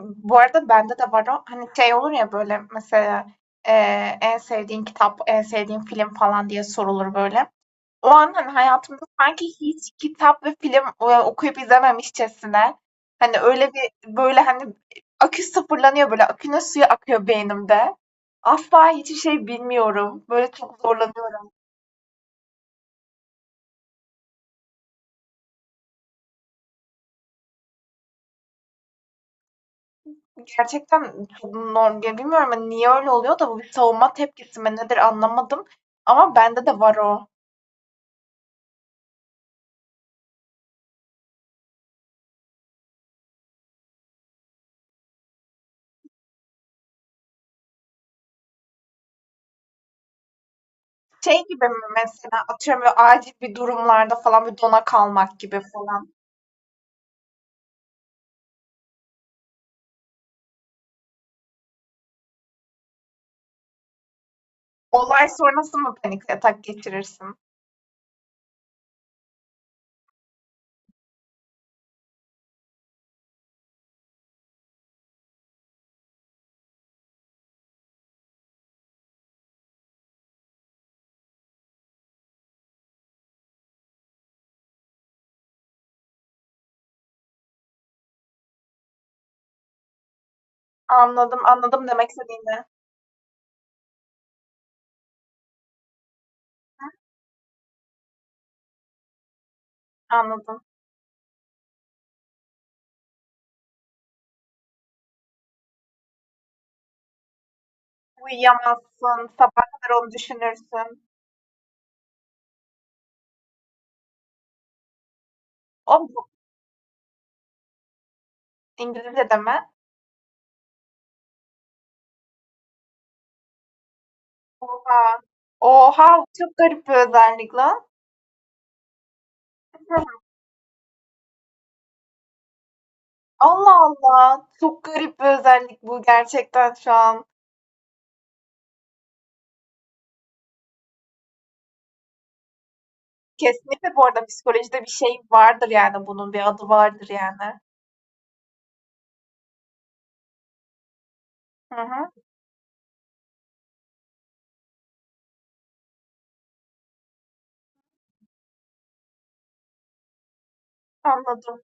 Bu arada bende de var o. Hani şey olur ya böyle mesela e, en sevdiğin kitap, en sevdiğin film falan diye sorulur böyle. O an hani hayatımda sanki hiç kitap ve film okuyup izlememişçesine hani öyle bir böyle hani akü sıfırlanıyor böyle akünün suyu akıyor beynimde. Asla hiçbir şey bilmiyorum. Böyle çok zorlanıyorum. Gerçekten çok normal. Bilmiyorum hani niye öyle oluyor da bu bir savunma tepkisi mi nedir anlamadım. Ama bende de var o. Şey gibi mi mesela atıyorum böyle acil bir durumlarda falan bir dona kalmak gibi falan. Olay sonrası mı panik atak geçirirsin? Anladım, anladım demek istediğini. Anladım. Uyuyamazsın, sabah kadar onu düşünürsün. O bu İngilizce de mi? Oha. Oha, bu çok garip bir özellik lan. Hı. Allah Allah. Çok garip bir özellik bu gerçekten şu an. Kesinlikle bu arada psikolojide bir şey vardır yani bunun bir adı vardır yani. Hı hı, anladım.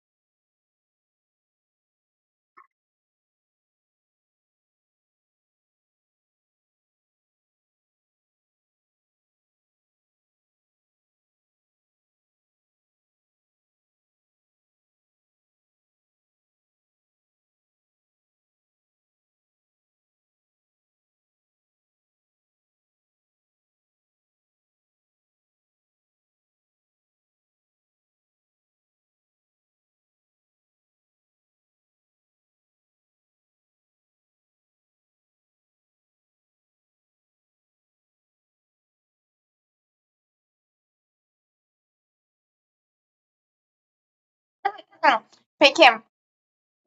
Hımm. Peki,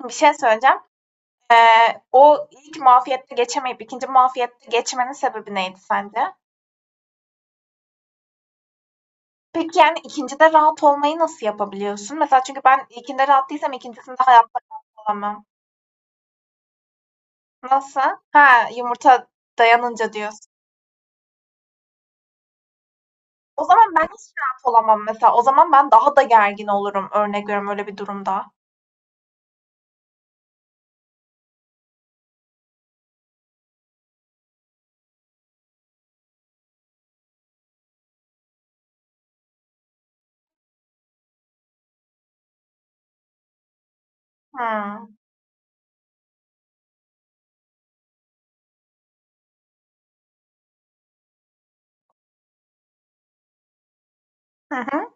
bir şey söyleyeceğim. O ilk muafiyette geçemeyip ikinci muafiyette geçmenin sebebi neydi sence? Peki, yani, ikincide rahat olmayı nasıl yapabiliyorsun? Mesela çünkü ben ilkinde rahat değilsem ikincisinde hayatta rahat olamam. Nasıl? Ha, yumurta dayanınca diyorsun. O zaman ben hiç rahat olamam mesela. O zaman ben daha da gergin olurum örnek veriyorum öyle bir durumda. Hımm. Hı hı.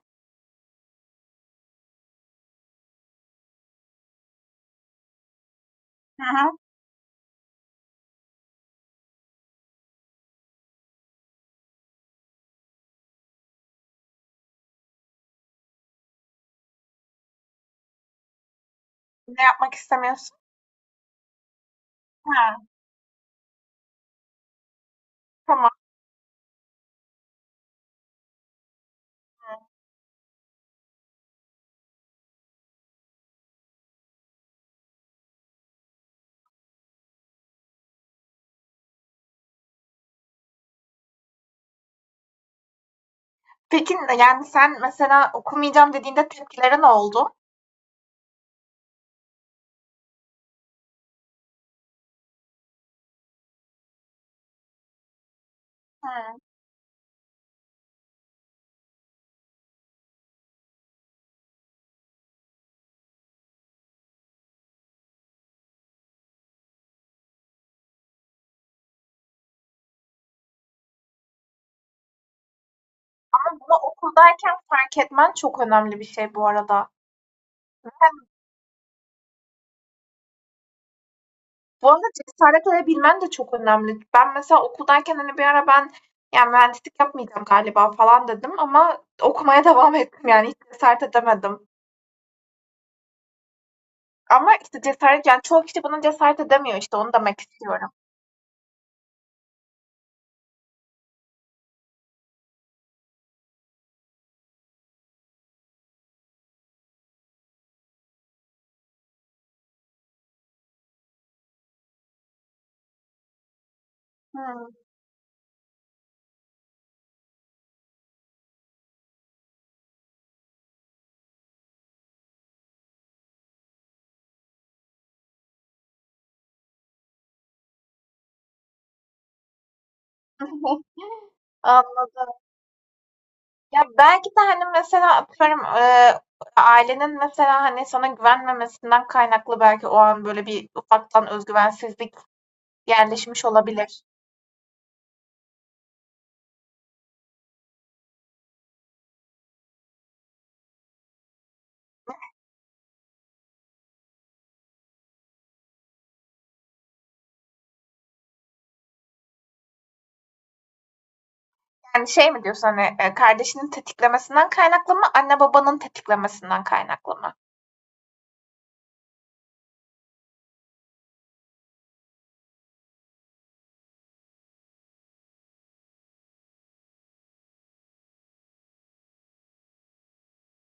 Hı hı. Ne yapmak istemiyorsun? Ha, tamam. Peki, yani, sen mesela okumayacağım dediğinde tepkileri ne oldu? He. Ama bunu okuldayken fark etmen çok önemli bir şey bu arada. Bu arada cesaret edebilmen de çok önemli. Ben mesela okuldayken hani bir ara ben yani mühendislik yapmayacağım galiba falan dedim ama okumaya devam ettim yani hiç cesaret edemedim. Ama işte cesaret yani çoğu kişi buna cesaret edemiyor işte onu demek istiyorum. Hmm. Anladım. Ya belki de hani mesela atıyorum ailenin mesela hani sana güvenmemesinden kaynaklı belki o an böyle bir ufaktan özgüvensizlik yerleşmiş olabilir. Yani şey mi diyorsun hani kardeşinin tetiklemesinden kaynaklı mı, anne babanın tetiklemesinden kaynaklı mı?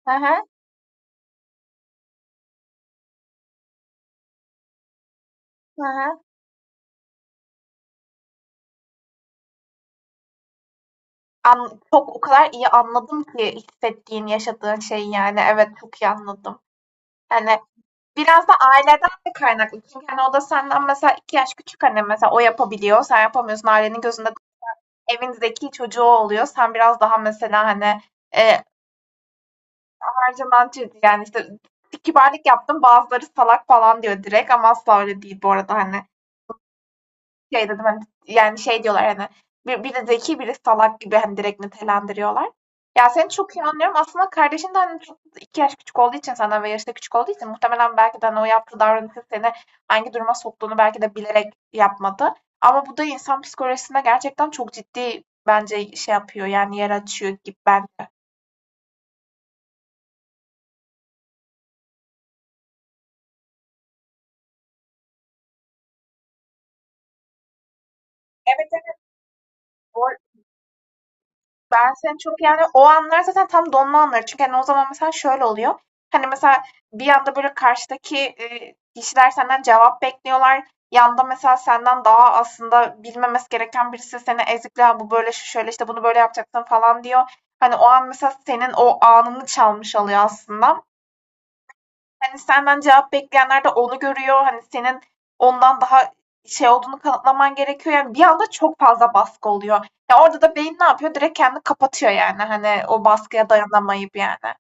Hı hı, hı hı. An çok o kadar iyi anladım ki hissettiğin, yaşadığın şeyi yani. Evet, çok iyi anladım. Yani biraz da aileden de kaynaklı. Çünkü hani o da senden mesela iki yaş küçük, hani mesela o yapabiliyor, sen yapamıyorsun. Ailenin gözünde evin zeki çocuğu oluyor. Sen biraz daha mesela hani e, her zaman ciddi yani işte kibarlık yaptım bazıları salak falan diyor direkt ama asla öyle değil bu arada hani şey dedim hani yani şey diyorlar hani bir, biri zeki biri salak gibi hani direkt nitelendiriyorlar. Ya seni çok iyi anlıyorum. Aslında kardeşin de hani çok iki yaş küçük olduğu için senden ve yaşta küçük olduğu için muhtemelen belki de hani o yaptığı davranışı seni hangi duruma soktuğunu belki de bilerek yapmadı. Ama bu da insan psikolojisine gerçekten çok ciddi bence şey yapıyor yani yer açıyor gibi bence. Evet, evet, bu ben seni çok yani o anlar zaten tam donma anları. Çünkü, hani, o zaman mesela şöyle oluyor. Hani, mesela bir anda, böyle, karşıdaki, kişiler senden cevap bekliyorlar. Yanda mesela senden daha aslında bilmemesi gereken birisi seni ezikliyor. "Bu böyle, şu şöyle, işte, bunu böyle yapacaksın." falan diyor. Hani, o an mesela senin o anını çalmış oluyor aslında. Hani, senden cevap bekleyenler de onu görüyor. Hani, senin ondan daha şey olduğunu kanıtlaman gerekiyor. Yani, bir anda çok fazla baskı oluyor. Ya, orada da beyin ne yapıyor? Direkt kendini kapatıyor, yani, hani, o baskıya dayanamayıp, yani.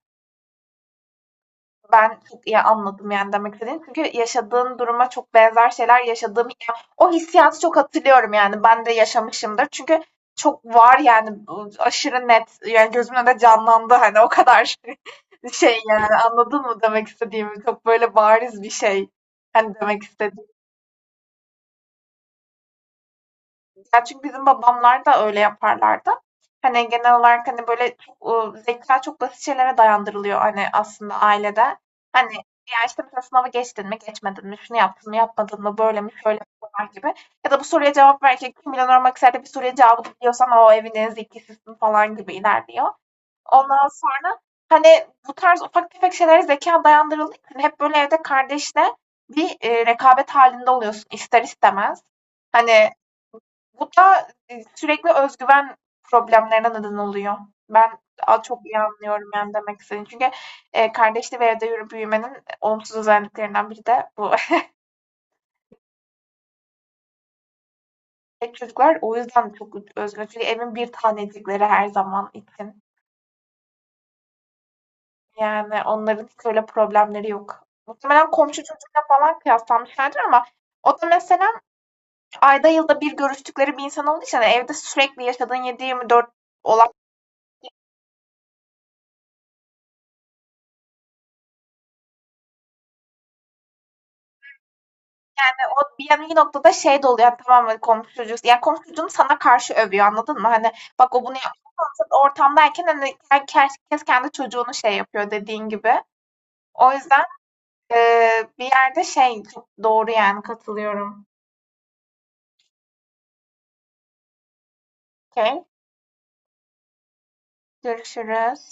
Ben çok iyi anladım yani demek istediğim. Çünkü yaşadığın duruma çok benzer şeyler yaşadığım ya o hissiyatı çok hatırlıyorum yani ben de yaşamışımdır. Çünkü çok var yani bu aşırı net yani gözümün önünde canlandı hani o kadar şey yani anladın mı demek istediğimi? Çok böyle bariz bir şey hani demek istediğim. Ya çünkü bizim babamlar da öyle yaparlardı. Hani genel olarak hani böyle çok, zeka çok basit şeylere dayandırılıyor hani aslında ailede. Hani ya, işte, mesela sınavı geçtin mi, geçmedin mi, şunu yaptın mı, yapmadın mı, böyle mi, şöyle mi falan gibi ya da bu soruya cevap verirken Kim Milyoner Olmak Ister'de bir soruya cevabı biliyorsan o evin en zekisisin falan gibi ilerliyor. Ondan sonra, hani, bu tarz ufak tefek şeylere zekâ dayandırıldığı için hep böyle evde kardeşle bir, rekabet halinde oluyorsun ister istemez. Hani bu da, sürekli özgüven güven problemlerine neden oluyor. Ben a çok iyi anlıyorum yani demek istediğini. Çünkü, kardeşli bir evde yürü büyümenin olumsuz özelliklerinden biri de bu. Tek çocuklar o yüzden çok özgür. Çünkü evin bir tanecikleri her zaman için. Yani onların hiç öyle problemleri yok. Muhtemelen komşu çocuğuyla falan kıyaslanmışlardır ama o da mesela ayda yılda bir görüştükleri bir insan olduğu için, hani, evde sürekli yaşadığın 7/24 olan yani o bir noktada şey de oluyor yani tamam hani komşu çocuğu yani komşu çocuğunu sana karşı övüyor anladın mı? Hani bak o bunu yapmıyor sen ortamdayken hani herkes kendi çocuğunu şey yapıyor dediğin gibi. O yüzden bir yerde şey çok doğru yani katılıyorum. Okey. Görüşürüz.